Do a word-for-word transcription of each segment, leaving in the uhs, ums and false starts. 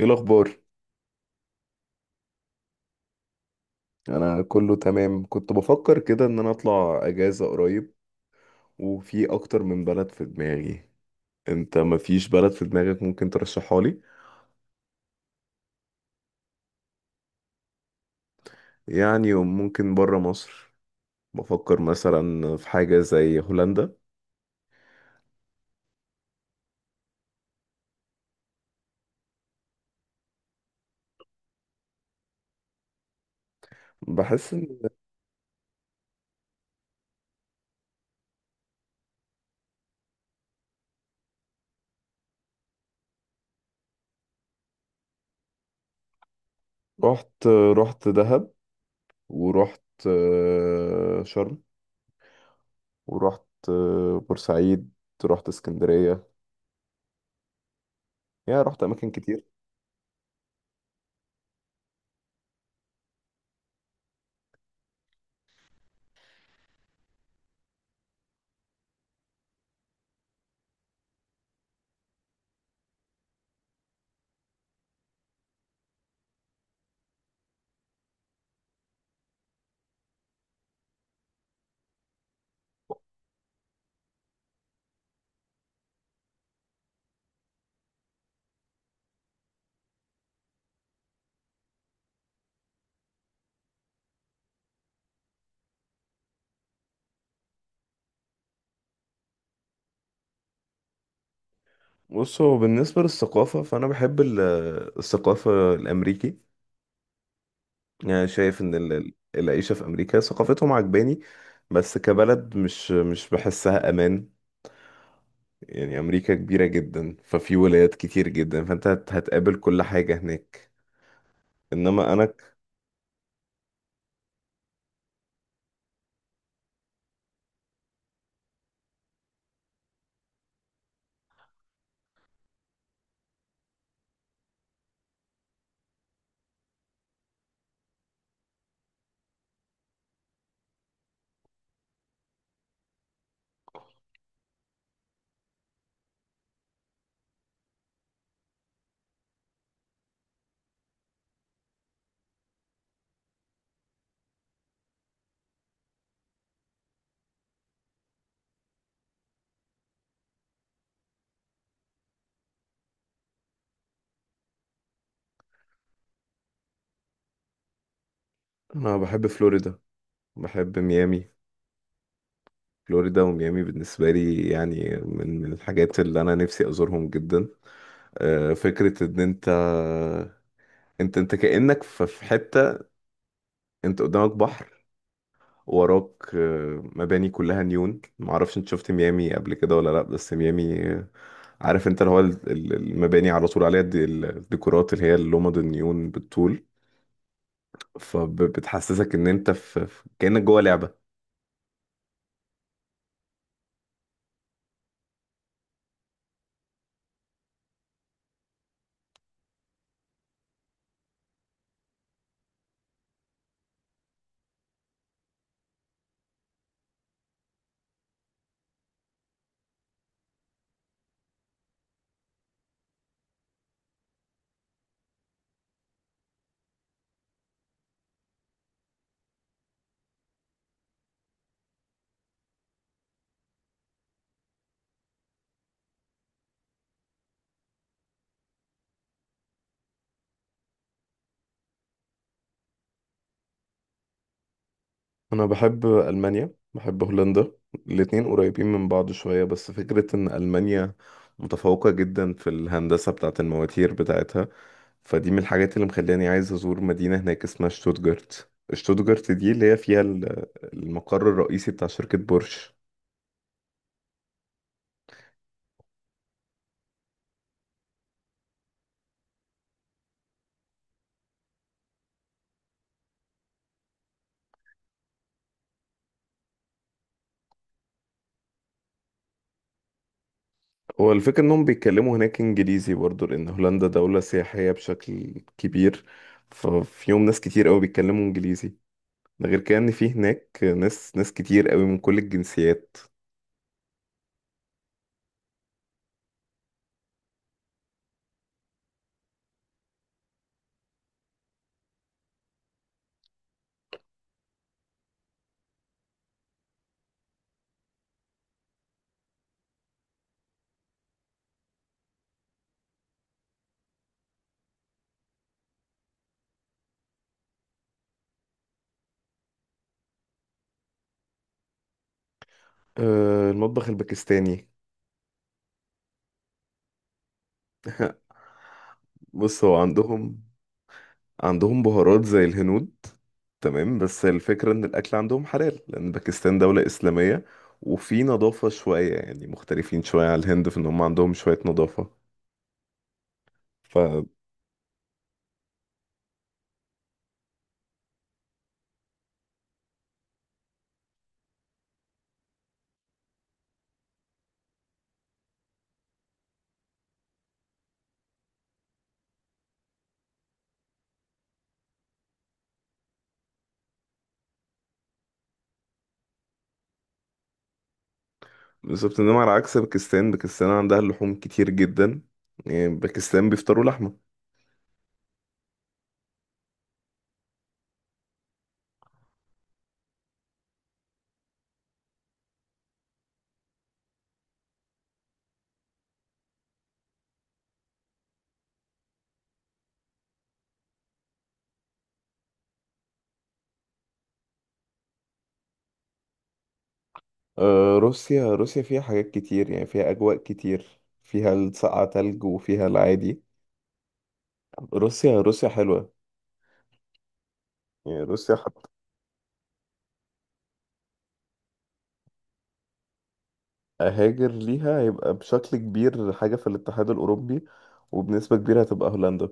ايه الاخبار؟ انا كله تمام، كنت بفكر كده ان انا اطلع اجازة قريب، وفي اكتر من بلد في دماغي. انت مفيش بلد في دماغك ممكن ترشحها لي؟ يعني ممكن برا مصر. بفكر مثلا في حاجة زي هولندا. بحس ان رحت، رحت دهب، ورحت آه، شرم، ورحت آه، بورسعيد، رحت اسكندرية. يعني رحت اماكن كتير. بصوا، بالنسبة للثقافة فانا بحب ال- الثقافة الامريكي. يعني شايف ان ال- ال- العيشة في امريكا ثقافتهم عجباني. بس كبلد مش مش بحسها امان. يعني امريكا كبيرة جدا، ففي ولايات كتير جدا، فانت هت- هتقابل كل حاجة هناك. انما انا ك- انا بحب فلوريدا، بحب ميامي. فلوريدا وميامي بالنسبة لي يعني من من الحاجات اللي انا نفسي ازورهم جدا. آه، فكرة ان انت، انت انت كأنك في في حتة، انت قدامك بحر، وراك آه، مباني كلها نيون. معرفش انت شفت ميامي قبل كده ولا لا، بس ميامي آه، عارف انت اللي هو ال- ال- المباني على طول عليها الدي- الديكورات اللي هي اللومد النيون بالطول، فبتحسسك ان انت في في- كأنك جوه لعبة. انا بحب المانيا، بحب هولندا. الاتنين قريبين من بعض شوية، بس فكرة ان المانيا متفوقة جدا في الهندسة بتاعت المواتير بتاعتها، فدي من الحاجات اللي مخلاني عايز أزور مدينة هناك اسمها شتوتجارت. شتوتجارت دي اللي هي فيها ال- المقر الرئيسي بتاع شركة بورش. هو الفكرة إنهم بيتكلموا هناك إنجليزي برضه، لأن هولندا دولة سياحية بشكل كبير، ففيهم ناس كتير أوي بيتكلموا إنجليزي. ده غير كده، إن في هناك ناس ناس كتير أوي من كل الجنسيات. آه، المطبخ الباكستاني. بص، هو عندهم، عندهم بهارات زي الهنود. تمام، بس الفكرة ان الاكل عندهم حلال لان باكستان دولة اسلامية، وفي نظافة شوية، يعني مختلفين شوية على الهند في ان هم عندهم شوية نظافة. ف بالظبط، انما على عكس باكستان، باكستان عندها اللحوم كتير جدا. يعني باكستان بيفطروا لحمة. آه، روسيا، روسيا فيها حاجات كتير، يعني فيها اجواء كتير، فيها السقعة، تلج، وفيها العادي. روسيا، روسيا حلوة. يعني روسيا حتى اهاجر ليها، هيبقى بشكل كبير حاجة في الاتحاد الاوروبي، وبنسبة كبيرة هتبقى هولندا.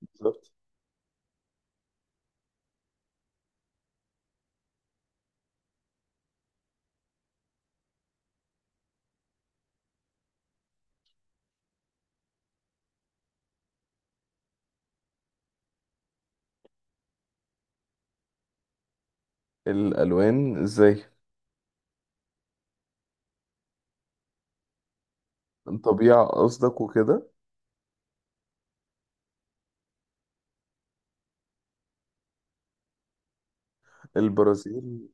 بالظبط. الألوان ازاي؟ الطبيعة قصدك وكده؟ البرازيل؟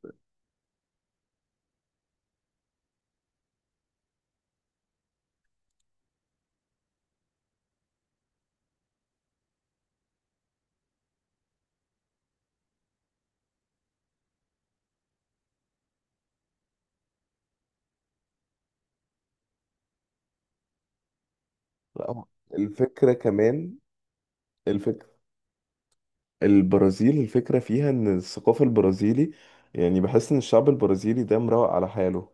لا هو الفكرة كمان، الفكرة، البرازيل الفكرة فيها ان الثقافة البرازيلي، يعني بحس ان الشعب البرازيلي ده مروق على حاله.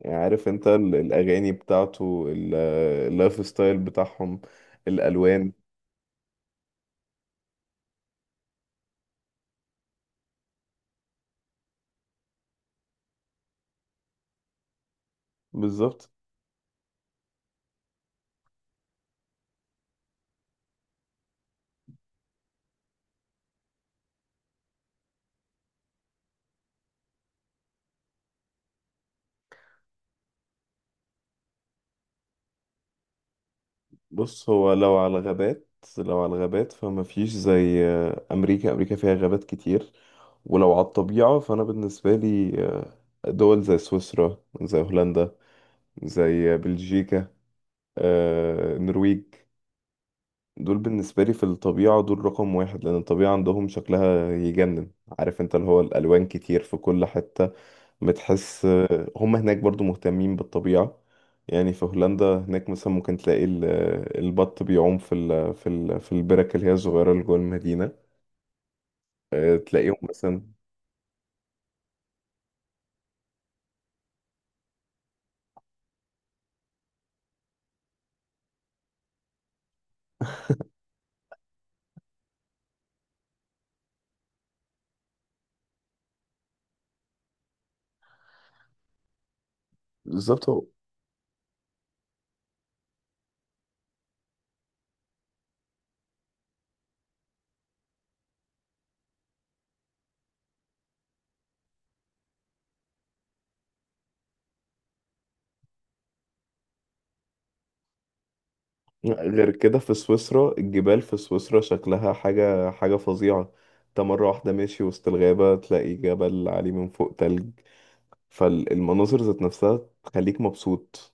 يعني عارف انت ال- الأغاني بتاعته، ال- اللايف ستايل بتاعهم، الألوان. بالظبط. بص، هو لو على الغابات، لو على الغابات فما فيش زي آه، امريكا. امريكا فيها غابات كتير. ولو على الطبيعة فانا بالنسبة لي آه، دول زي سويسرا، زي هولندا، زي بلجيكا، آه، النرويج، دول بالنسبة لي في الطبيعة دول رقم واحد، لأن الطبيعة عندهم شكلها يجنن. عارف انت اللي هو الألوان كتير في كل حتة، بتحس. هم هناك برضو مهتمين بالطبيعة. يعني في هولندا هناك مثلا ممكن تلاقي ال- البط بيعوم في ال في ال في البرك اللي هي الصغيرة اللي جوه المدينة. آه، تلاقيهم مثلا. بالظبط. هو غير كده في سويسرا، الجبال في سويسرا شكلها حاجة حاجة فظيعة. انت مرة واحدة ماشي وسط الغابة، تلاقي جبل عليه من فوق تلج، فالمناظر ذات نفسها تخليك مبسوط.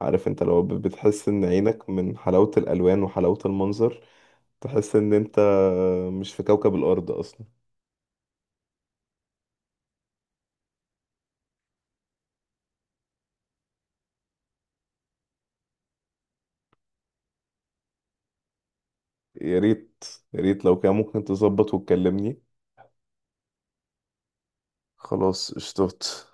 عارف انت لو ب- بتحس ان عينك من حلاوة الألوان وحلاوة المنظر، تحس ان انت مش في كوكب الأرض أصلا. يا ريت. يا ريت لو كان ممكن تظبط وتكلمني. خلاص اشتوت.